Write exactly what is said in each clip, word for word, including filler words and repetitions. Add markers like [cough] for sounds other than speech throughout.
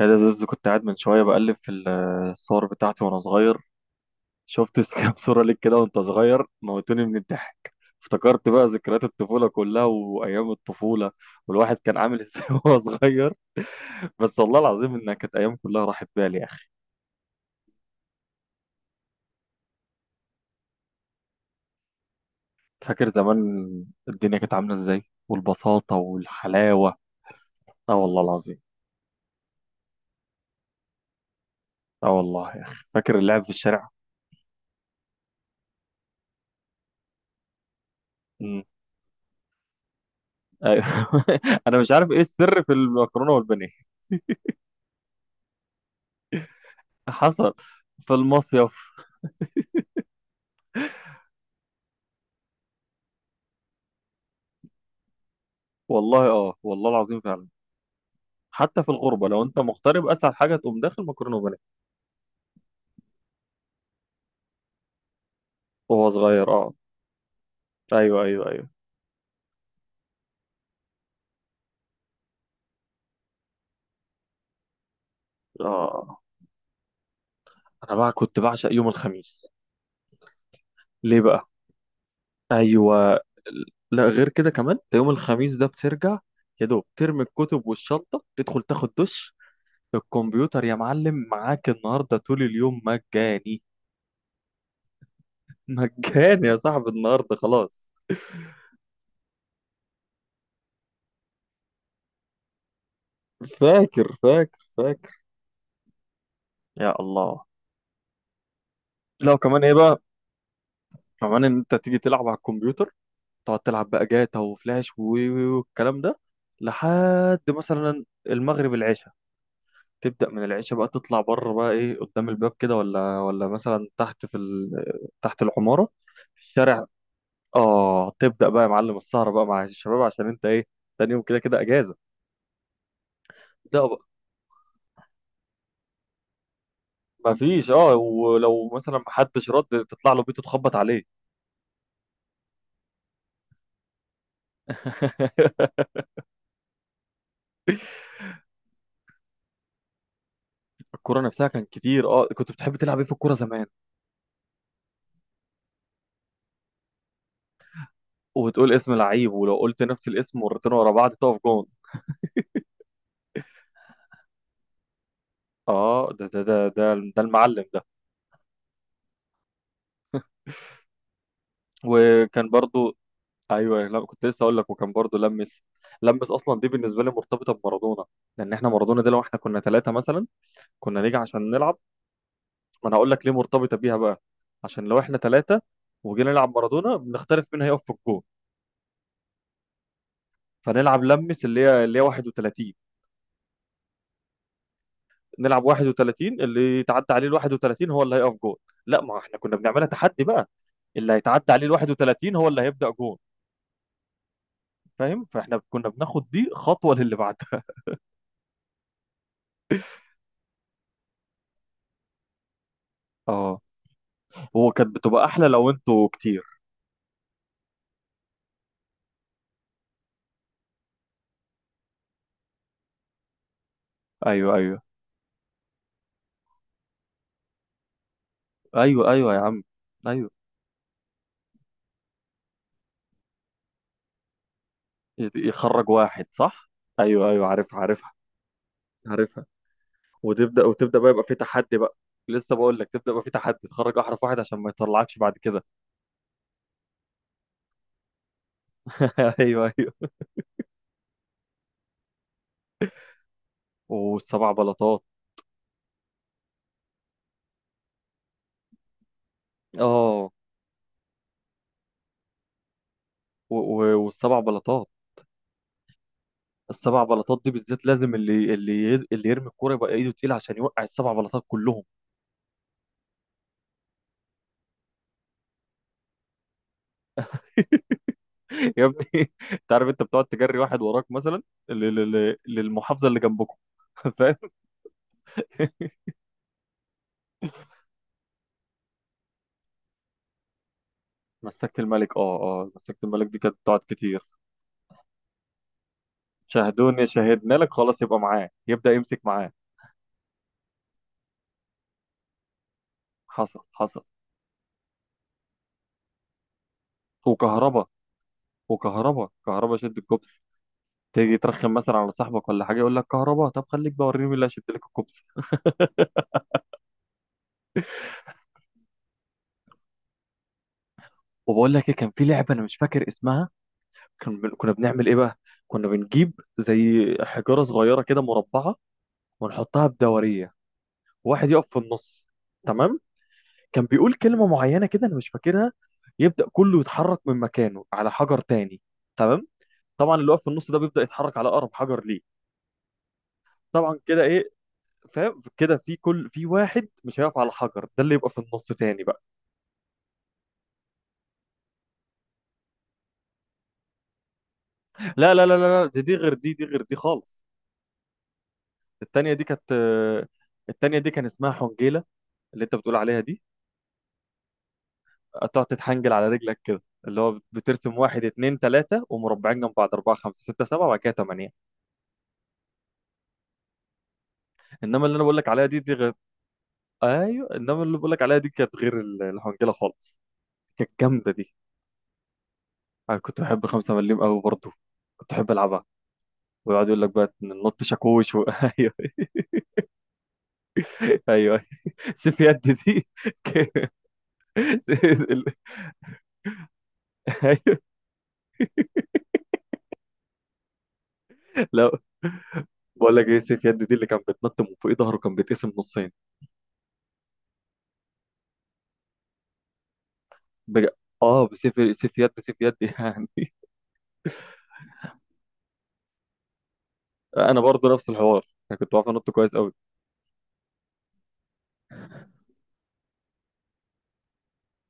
يا ده زوز، كنت قاعد من شوية بقلب في ال- الصور بتاعتي وأنا صغير. شفت [laughs] كام صورة ليك كده وأنت صغير، موتوني من الضحك. افتكرت بقى ذكريات الطفولة كلها وأيام الطفولة، والواحد كان عامل [laughs] إزاي وهو صغير. بس والله العظيم إنها كانت أيام كلها راحت بالي يا أخي. فاكر زمان الدنيا كانت عاملة إزاي؟ والبساطة والحلاوة. آه والله العظيم. آه والله يا أخي، فاكر اللعب في الشارع. مم. أيوه، [laughs] أنا مش عارف إيه السر في المكرونة والبانيه. حصل، في المصيف. والله، اه والله العظيم فعلا. حتى في الغربة لو انت مغترب، اسهل حاجة تقوم داخل مكرونة وبانيه. وهو صغير، اه. ايوه ايوه ايوه. اه، انا بقى كنت بعشق يوم الخميس. ليه بقى؟ ايوه. لا، غير كده كمان، ده يوم الخميس ده بترجع، يا دوب ترمي الكتب والشنطة، تدخل تاخد دش، الكمبيوتر يا معلم معاك النهاردة طول اليوم مجاني. [laughs] مجاني يا صاحبي النهاردة خلاص. فاكر فاكر فاكر. يا الله. لا كمان ايه بقى؟ كمان ان انت تيجي تلعب على الكمبيوتر، تقعد تلعب بقى جاتا وفلاش و- و- والكلام ده، لحد مثلا المغرب، العشاء. تبدأ من العشاء بقى تطلع بره بقى، ايه، قدام الباب كده، ولا ولا مثلا تحت في ال... تحت العمارة، في الشارع. اه تبدأ بقى يا معلم السهرة بقى مع الشباب، عشان انت ايه، تاني يوم كده كده اجازة. تبدأ بقى. مفيش، اه، ولو مثلا محدش رد تطلع له بيته تخبط عليه. [laughs] الكورة نفسها كان كتير، اه. كنت بتحب تلعب ايه في الكورة زمان؟ وتقول اسم لعيب، ولو قلت نفس الاسم مرتين ورا بعض تقف جون. اه، ده ده ده ده، ده المعلم ده. وكان برضو. ايوه، لا كنت لسه اقول لك، وكان برضو لمس. لمس اصلا دي بالنسبه لي مرتبطه بمارادونا. لان احنا مارادونا ده لو احنا كنا ثلاثه مثلا، كنا نيجي عشان نلعب. ما انا هقول لك ليه مرتبطه بيها بقى. عشان لو احنا ثلاثه وجينا نلعب مارادونا، بنختلف مين هيقف في الجون. فنلعب لمس، اللي هي اللي هي واحد وثلاثين. نلعب واحد وثلاثين، اللي يتعدى عليه ال واحد وثلاثين هو اللي هيقف جون. لا، ما احنا كنا بنعملها تحدي بقى. اللي هيتعدى عليه ال واحد وثلاثين هو اللي هيبدأ جون. فاهم؟ فاحنا كنا بناخد دي خطوه للي بعدها. اه. هو كانت بتبقى احلى لو انتوا كتير. ايوه ايوه ايوه ايوه يا عم، ايوه. يت- يخرج واحد، صح. ايوه ايوه، عارفها عارفها. عارفها. وتبدا، وتبدا بقى يبقى في تحدي بقى. لسه بقول لك، تبدا يبقى في تحدي، تخرج احرف واحد عشان ما يطلعكش بعد كده. [laughs] ايوه ايوه. والسبع بلاطات. اه، و- و- والسبع بلاطات. السبع بلاطات دي بالذات لازم اللي اللي ي- اللي يرمي الكوره يبقى ايده تقيله عشان يوقع السبع بلاطات كلهم. [laughs] يا ابني، [laughs] انت عارف، انت بتقعد تجري واحد وراك مثلا لل- لل- للمحافظه اللي جنبكم. [laughs] فاهم. مسكت الملك، اه اه، مسكت الملك دي كانت بتقعد كتير. شاهدوني شاهدنا لك، خلاص يبقى معاه، يبدا يمسك معاه. حصل حصل. وكهربا. وكهربا، كهربا شد الكوبس. تيجي ترخم مثلا على صاحبك ولا حاجه، يقول لك كهربا، طب خليك بقى، وريني مين اللي هيشد لك الكوبس. وبقول لك ايه، كان في لعبه انا مش فاكر اسمها. كان بن- كنا بنعمل ايه بقى، كنا بنجيب زي حجاره صغيره كده مربعه، ونحطها بدوريه، وواحد يقف في النص، تمام؟ كان بيقول كلمة معينة كده أنا مش فاكرها، يبدأ كله يتحرك من مكانه على حجر تاني، تمام؟ طبعا اللي واقف في النص ده بيبدأ يتحرك على أقرب حجر ليه، طبعا كده إيه. فاهم كده؟ في كل في واحد مش هيقف على حجر، ده اللي يبقى في النص تاني بقى. لا لا لا لا لا، دي دي غير دي دي غير دي خالص. التانية دي كانت، آه، التانية دي كان اسمها حنجيلة، اللي أنت بتقول عليها دي. تقعد تتحنجل على رجلك كده، اللي هو بترسم واحد اتنين تلاتة، ومربعين جنب بعض أربعة خمسة ستة سبعة، وبعد كده تمانية. انما اللي انا بقول لك عليها دي، دي غير. ايوه، انما اللي بقول لك عليها دي كانت غير ال- الحنجله خالص. كانت جامده دي. انا كنت بحب خمسة مليم قوي برضه، كنت بحب العبها. ويقعد يقول لك بقى ننط شاكوش و... [laughs] ايوه ايوه، سيف يد دي. [laughs] ك- س- ال- [laughs] ايوه. لا، بقول لك ايه، سيف يد دي اللي كان بيتنط من فوق ظهره كان بيتقسم نصين. بج... اه، بسيف، سيف يد سيف يد [laughs] يعني. انا برضه نفس الحوار، انا كنت بعرف انط كويس قوي.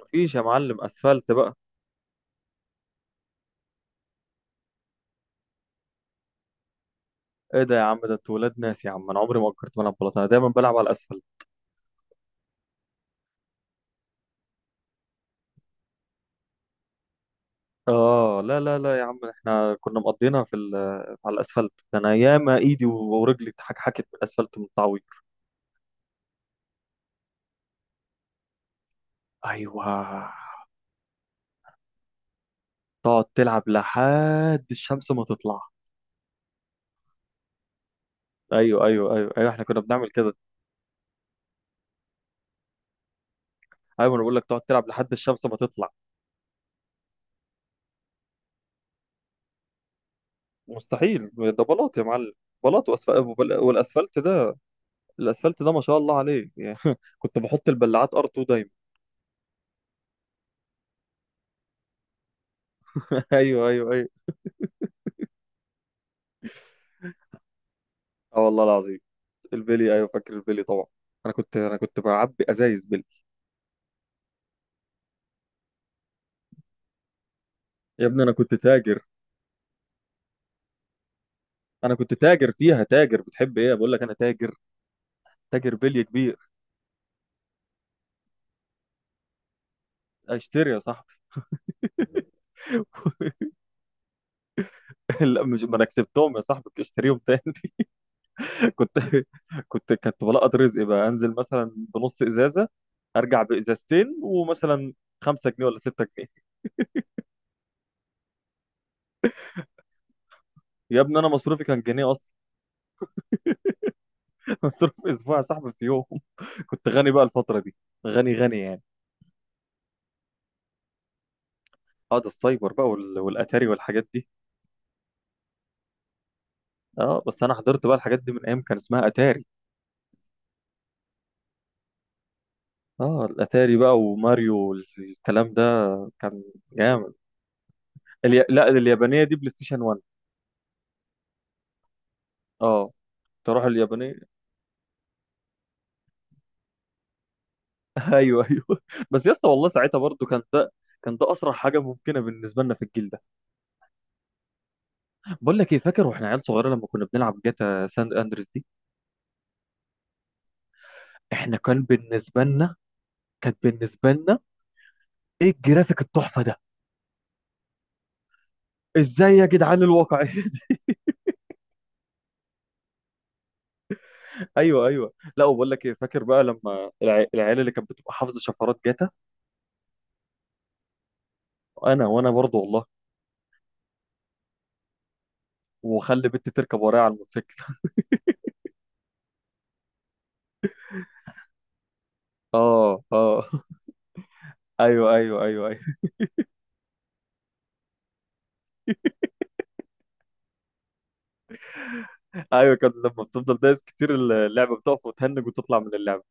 مفيش يا معلم اسفلت بقى. ايه ده يا عم، ده انتوا ولاد ناس يا عم، انا عمري ما فكرت بلعب بلاطه، انا دايما بلعب على الاسفل. اه. لا لا لا يا عم، احنا كنا مقضينا في ال- على الاسفلت ده. انا ياما ايدي ورجلي اتحكحكت من الاسفلت من التعويض. ايوه. تقعد تلعب لحد الشمس ما تطلع. ايوه ايوه ايوه ايوه، احنا كنا بنعمل كده. ايوه، انا بقول لك تقعد تلعب لحد الشمس ما تطلع. مستحيل، ده بلاط يا معلم. بلاط وأسفل... والاسفلت ده، الاسفلت ده ما شاء الله عليه [laughs] يعني. كنت بحط البلاعات ار اتنين دايما. [laughs] ايوه ايوه ايوه. اه والله العظيم. البيلي، ايوه فاكر البيلي طبعا. انا كنت انا كنت بعبي ازايز بيلي. يا ابني انا كنت تاجر. انا كنت تاجر فيها، تاجر. بتحب ايه، بقول لك انا تاجر. تاجر بلي كبير. اشتري يا صاحبي. [laughs] لا مش، ما انا كسبتهم يا صاحبي، كنت اشتريهم تاني. [laughs] كنت، كنت كنت بلقط رزقي بقى، انزل مثلا بنص ازازه، ارجع بازازتين ومثلا خمسة جنيه ولا ستة جنيه. يا ابني انا مصروفي كان جنيه اصلا. [laughs] مصروف اسبوع يا صاحبي في يوم. كنت غني بقى الفتره دي، غني غني يعني. اه، ده السايبر بقى وال- والاتاري والحاجات دي. اه بس انا حضرت بقى الحاجات دي من ايام كان اسمها اتاري. اه الاتاري بقى وماريو والكلام ده، كان جامد. الي... لا، اليابانيه دي بلاي ستيشن واحد. اه تروح اليابانيه. [laughs] ايوه ايوه. بس يا اسطى والله ساعتها برضو كان ده، كان ده اسرع حاجه ممكنه بالنسبه لنا في الجيل ده. بقول لك ايه، فاكر واحنا عيال صغيره لما كنا بنلعب جاتا ساند اندريس دي؟ احنا كان بالنسبه لنا، كانت بالنسبه لنا، ايه الجرافيك التحفه ده. ازاي يا جدعان الواقعيه دي. [laughs] ايوه ايوه. لا، وبقول لك ايه، فاكر بقى لما الع- العيال اللي كانت بتبقى حافظه شفرات جاتا، انا وانا برضه والله، وخلي بنتي تركب ورايا على الموتوسيكل. [laughs] اه اه. [laughs] ايوه ايوه ايوه ايوه. ايوه كان لما بتفضل دايس كتير، اللعبه بتقف وتهنج وتطلع من اللعبه.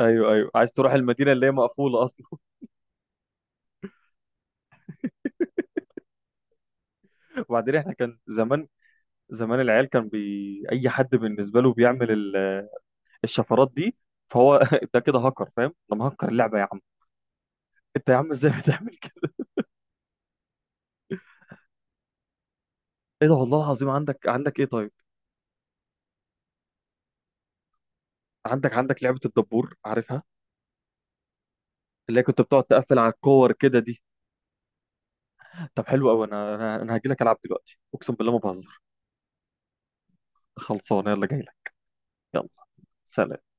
ايوه ايوه، عايز تروح المدينه اللي هي مقفوله اصلا. [laughs] وبعدين احنا كان زمان، زمان العيال كان بي... اي حد بالنسبه له بيعمل ال- الشفرات دي، فهو [laughs] ده كده هاكر، فاهم، ده مهكر اللعبه يا عم. انت يا عم ازاي [laughs] بتعمل كده. ايه ده والله العظيم، عندك عندك ايه طيب؟ عندك عندك لعبه الدبور، عارفها؟ اللي هي كنت بتقعد تقفل على الكور كده دي. طب حلو قوي، انا انا انا هاجي لك العب دلوقتي، اقسم بالله ما بهزر. خلصانه، يلا جاي لك. يلا، سلام.